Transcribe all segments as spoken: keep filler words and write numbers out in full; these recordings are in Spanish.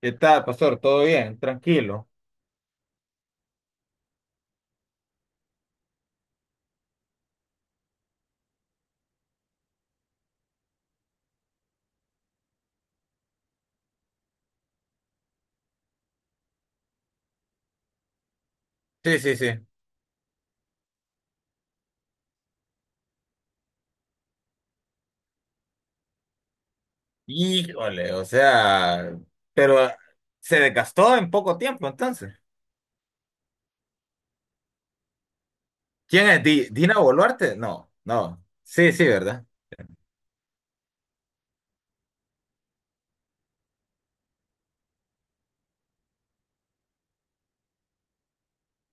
¿Qué tal, pastor? ¿Todo bien? Tranquilo. Sí, sí, sí. Híjole, o sea, pero ah, se desgastó en poco tiempo entonces. ¿Quién es? Di- ¿Dina Boluarte? No, no. Sí, sí, ¿verdad?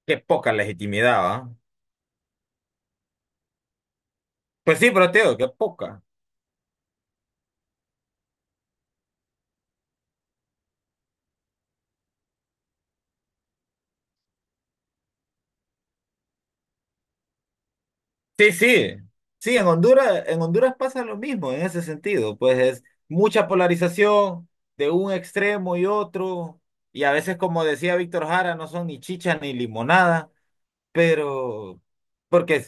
Qué poca legitimidad, ¿va? Pues sí, pero te digo, qué poca. Sí, sí. Sí, en Honduras, en Honduras pasa lo mismo en ese sentido. Pues es mucha polarización de un extremo y otro. Y a veces, como decía Víctor Jara, no son ni chicha ni limonada. Pero porque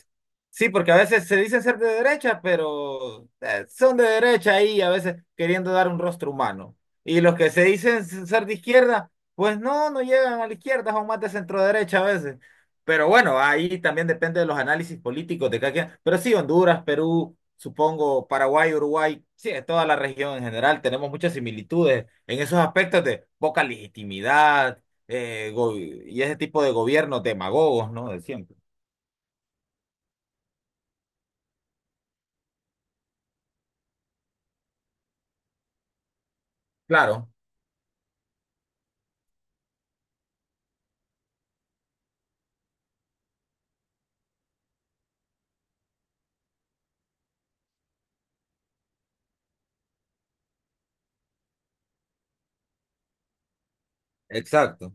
sí, porque a veces se dicen ser de derecha, pero eh, son de derecha ahí a veces queriendo dar un rostro humano. Y los que se dicen ser de izquierda, pues no, no llegan a la izquierda, son más de centro derecha a veces. Pero bueno, ahí también depende de los análisis políticos de cada quien. Pero sí, Honduras, Perú, supongo, Paraguay, Uruguay, sí, en toda la región en general tenemos muchas similitudes en esos aspectos de poca legitimidad eh, go- y ese tipo de gobiernos demagogos, ¿no? De siempre. Claro. Exacto.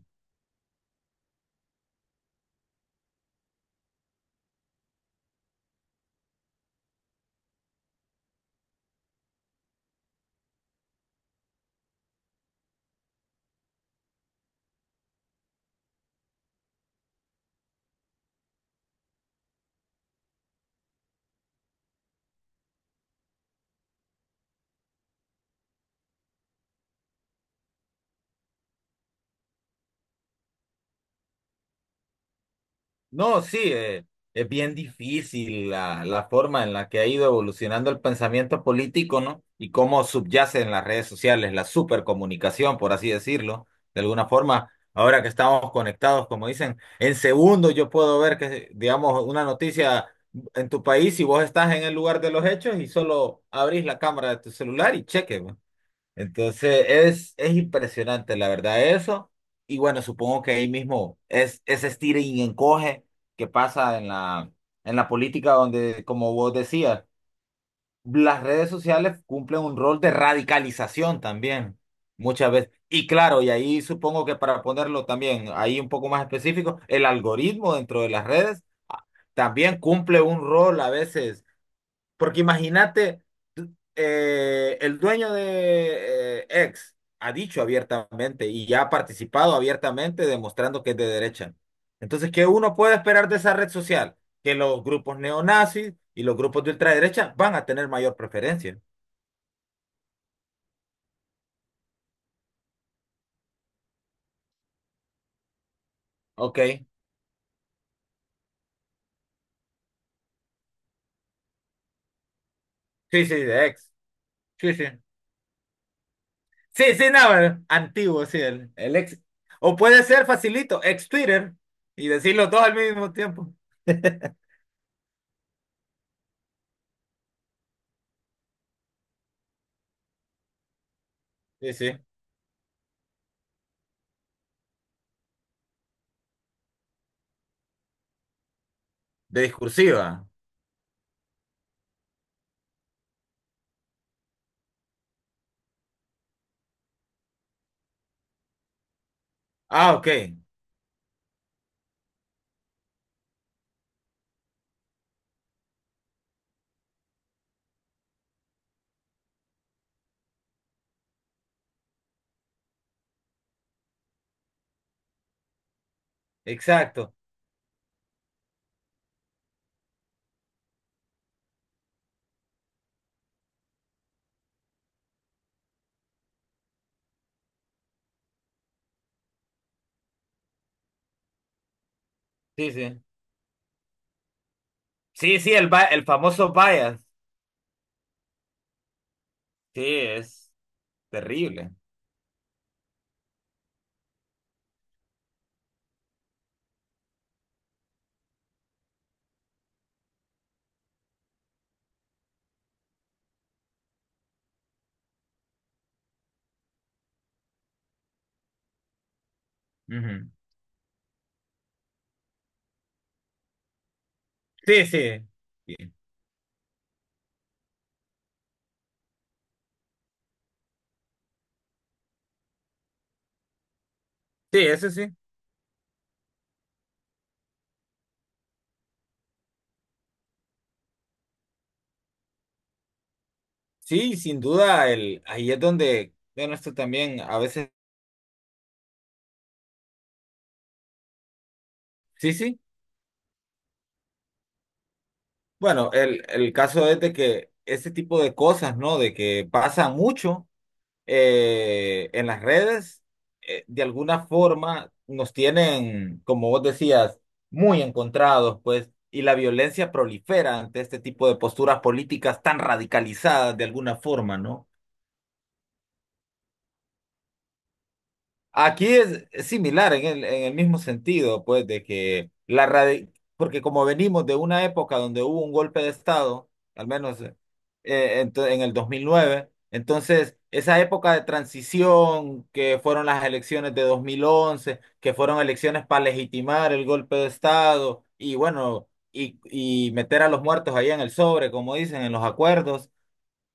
No, sí, eh, es bien difícil la, la forma en la que ha ido evolucionando el pensamiento político, ¿no? Y cómo subyace en las redes sociales la supercomunicación, por así decirlo, de alguna forma. Ahora que estamos conectados, como dicen, en segundos yo puedo ver que, digamos, una noticia en tu país y vos estás en el lugar de los hechos y solo abrís la cámara de tu celular y cheque. ¿No? Entonces es, es impresionante, la verdad, eso. Y bueno, supongo que ahí mismo es ese estira y encoge que pasa en la, en la política donde, como vos decías, las redes sociales cumplen un rol de radicalización también, muchas veces. Y claro, y ahí supongo que para ponerlo también ahí un poco más específico, el algoritmo dentro de las redes ah, también cumple un rol a veces porque imagínate, eh, el dueño de eh, X ha dicho abiertamente y ya ha participado abiertamente demostrando que es de derecha. Entonces, ¿qué uno puede esperar de esa red social? Que los grupos neonazis y los grupos de ultraderecha van a tener mayor preferencia. Ok. Sí, sí, de X. Sí, sí. Sí, sí, no, eh, antiguo, sí, el, el ex. O puede ser facilito, ex Twitter, y decirlo todo al mismo tiempo. Sí, sí. De discursiva. Ah, ok. Exacto. Sí, sí. Sí, sí, el, ba- el famoso bias. Sí, es terrible. Ujú. Sí, sí. Sí, sí, eso sí. Sí, sin duda, el, ahí es donde, bueno, esto también a veces, sí, sí. Bueno, el, el caso es de que ese tipo de cosas, ¿no? De que pasan mucho. Eh, en las redes, eh, de alguna forma nos tienen, como vos decías, muy encontrados, pues, y la violencia prolifera ante este tipo de posturas políticas tan radicalizadas de alguna forma, ¿no? Aquí es similar en el, en el mismo sentido, pues, de que la radi- porque como venimos de una época donde hubo un golpe de Estado, al menos eh, ento- en el dos mil nueve, entonces esa época de transición que fueron las elecciones de dos mil once, que fueron elecciones para legitimar el golpe de Estado y bueno, y, y meter a los muertos ahí en el sobre, como dicen, en los acuerdos.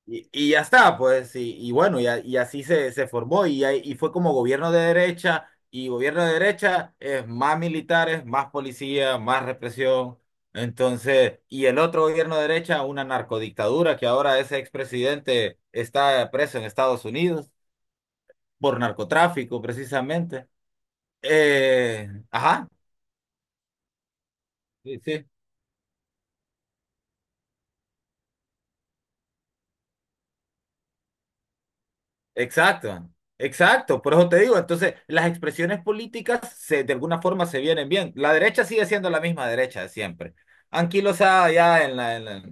Y, y ya está, pues, y, y bueno, y, a- y así se, se formó, y, ahí- y fue como gobierno de derecha, y gobierno de derecha es más militares, más policía, más represión. Entonces, y el otro gobierno de derecha, una narcodictadura, que ahora ese expresidente está preso en Estados Unidos por narcotráfico, precisamente. Eh, ajá, sí, sí. Exacto, exacto, por eso te digo, entonces las expresiones políticas se, de alguna forma se vienen bien. La derecha sigue siendo la misma derecha de siempre. Anquilosada ya en la, en la-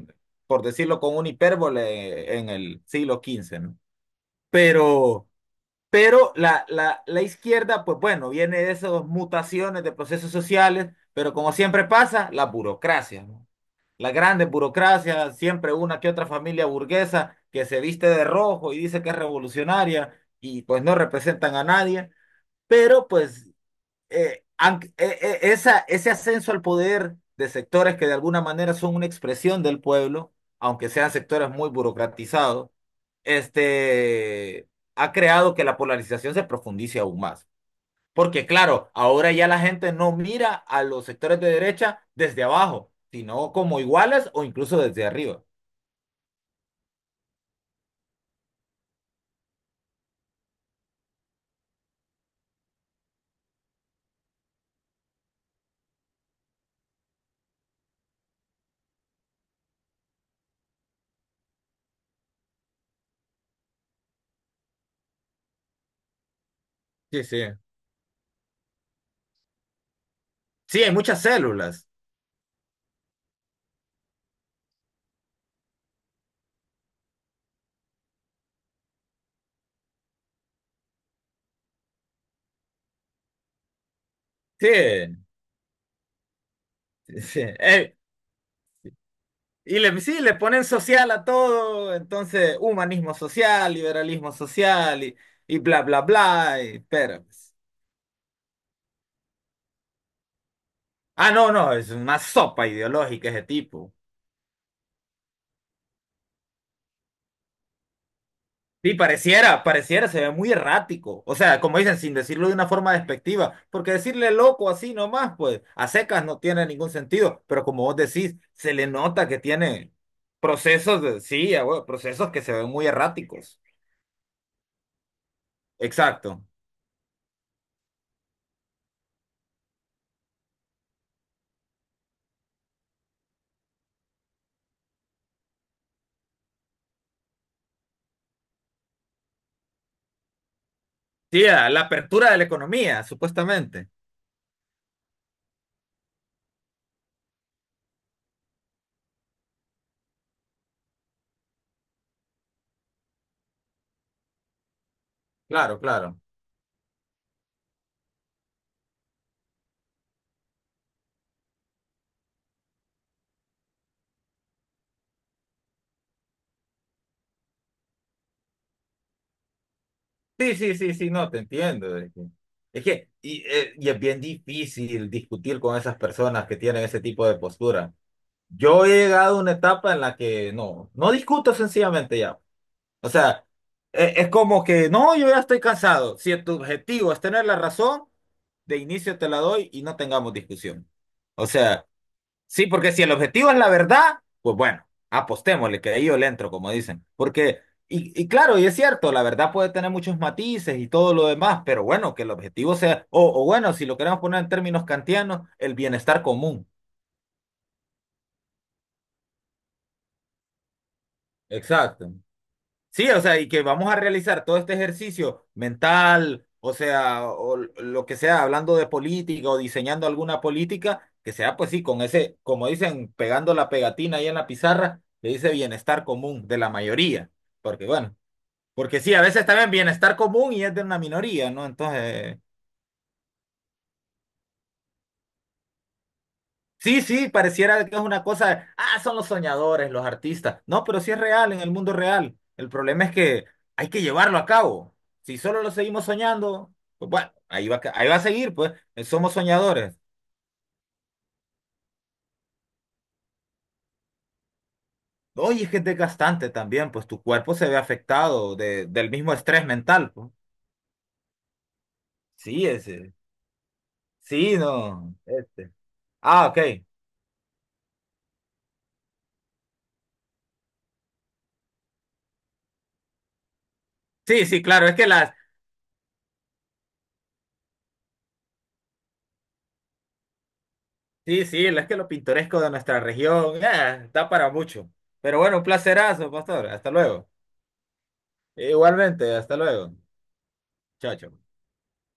por decirlo con un hipérbole, en el siglo quince, ¿no? Pero, pero la, la, la izquierda, pues bueno, viene de esas mutaciones de procesos sociales, pero como siempre pasa, la burocracia, ¿no? Las grandes burocracias, siempre una que otra familia burguesa que se viste de rojo y dice que es revolucionaria y pues no representan a nadie, pero pues eh, aunque- eh, eh, esa, ese ascenso al poder de sectores que de alguna manera son una expresión del pueblo, aunque sean sectores muy burocratizados, este, ha creado que la polarización se profundice aún más. Porque claro, ahora ya la gente no mira a los sectores de derecha desde abajo, sino como iguales o incluso desde arriba. Sí, sí. Sí, hay muchas células. Sí, sí. Eh, y le, sí, le ponen social a todo, entonces humanismo social, liberalismo social y, y bla, bla, bla. Y- pero, pues, ah, no, no, es una sopa ideológica ese tipo. Sí, pareciera, pareciera, se ve muy errático. O sea, como dicen, sin decirlo de una forma despectiva, porque decirle loco así nomás, pues a secas no tiene ningún sentido, pero como vos decís, se le nota que tiene procesos de, sí, ah, bueno, procesos que se ven muy erráticos. Exacto. Sí, ah, la apertura de la economía, supuestamente. Claro, claro. Sí, sí, sí, sí, no, te entiendo. Es que, es que- y, eh, y es bien difícil discutir con esas personas que tienen ese tipo de postura. Yo he llegado a una etapa en la que no, no discuto sencillamente ya. O sea, e- es como que no, yo ya estoy cansado. Si tu objetivo es tener la razón, de inicio te la doy y no tengamos discusión. O sea, sí, porque si el objetivo es la verdad, pues bueno, apostémosle, que ahí yo le entro, como dicen. Porque, y, y claro, y es cierto, la verdad puede tener muchos matices y todo lo demás, pero bueno, que el objetivo sea, o, o bueno, si lo queremos poner en términos kantianos, el bienestar común. Exacto. Sí, o sea, y que vamos a realizar todo este ejercicio mental, o sea, o lo que sea, hablando de política o diseñando alguna política, que sea pues sí, con ese, como dicen, pegando la pegatina ahí en la pizarra, le dice bienestar común de la mayoría, porque bueno, porque sí, a veces también bienestar común y es de una minoría, ¿no? Entonces... Sí, sí, pareciera que es una cosa, ah, son los soñadores, los artistas. No, pero sí es real en el mundo real. El problema es que hay que llevarlo a cabo. Si solo lo seguimos soñando, pues bueno, ahí va, a ca- ahí va a seguir, pues, eh, somos soñadores. Oye, es que es desgastante también, pues tu cuerpo se ve afectado de- del mismo estrés mental, pues. Sí, ese, sí, no, este. Ah, ok. Sí, sí, claro, es que las, sí, sí, es que lo pintoresco de nuestra región, eh, da para mucho. Pero bueno, un placerazo, pastor. Hasta luego. Igualmente, hasta luego. Chao, chao.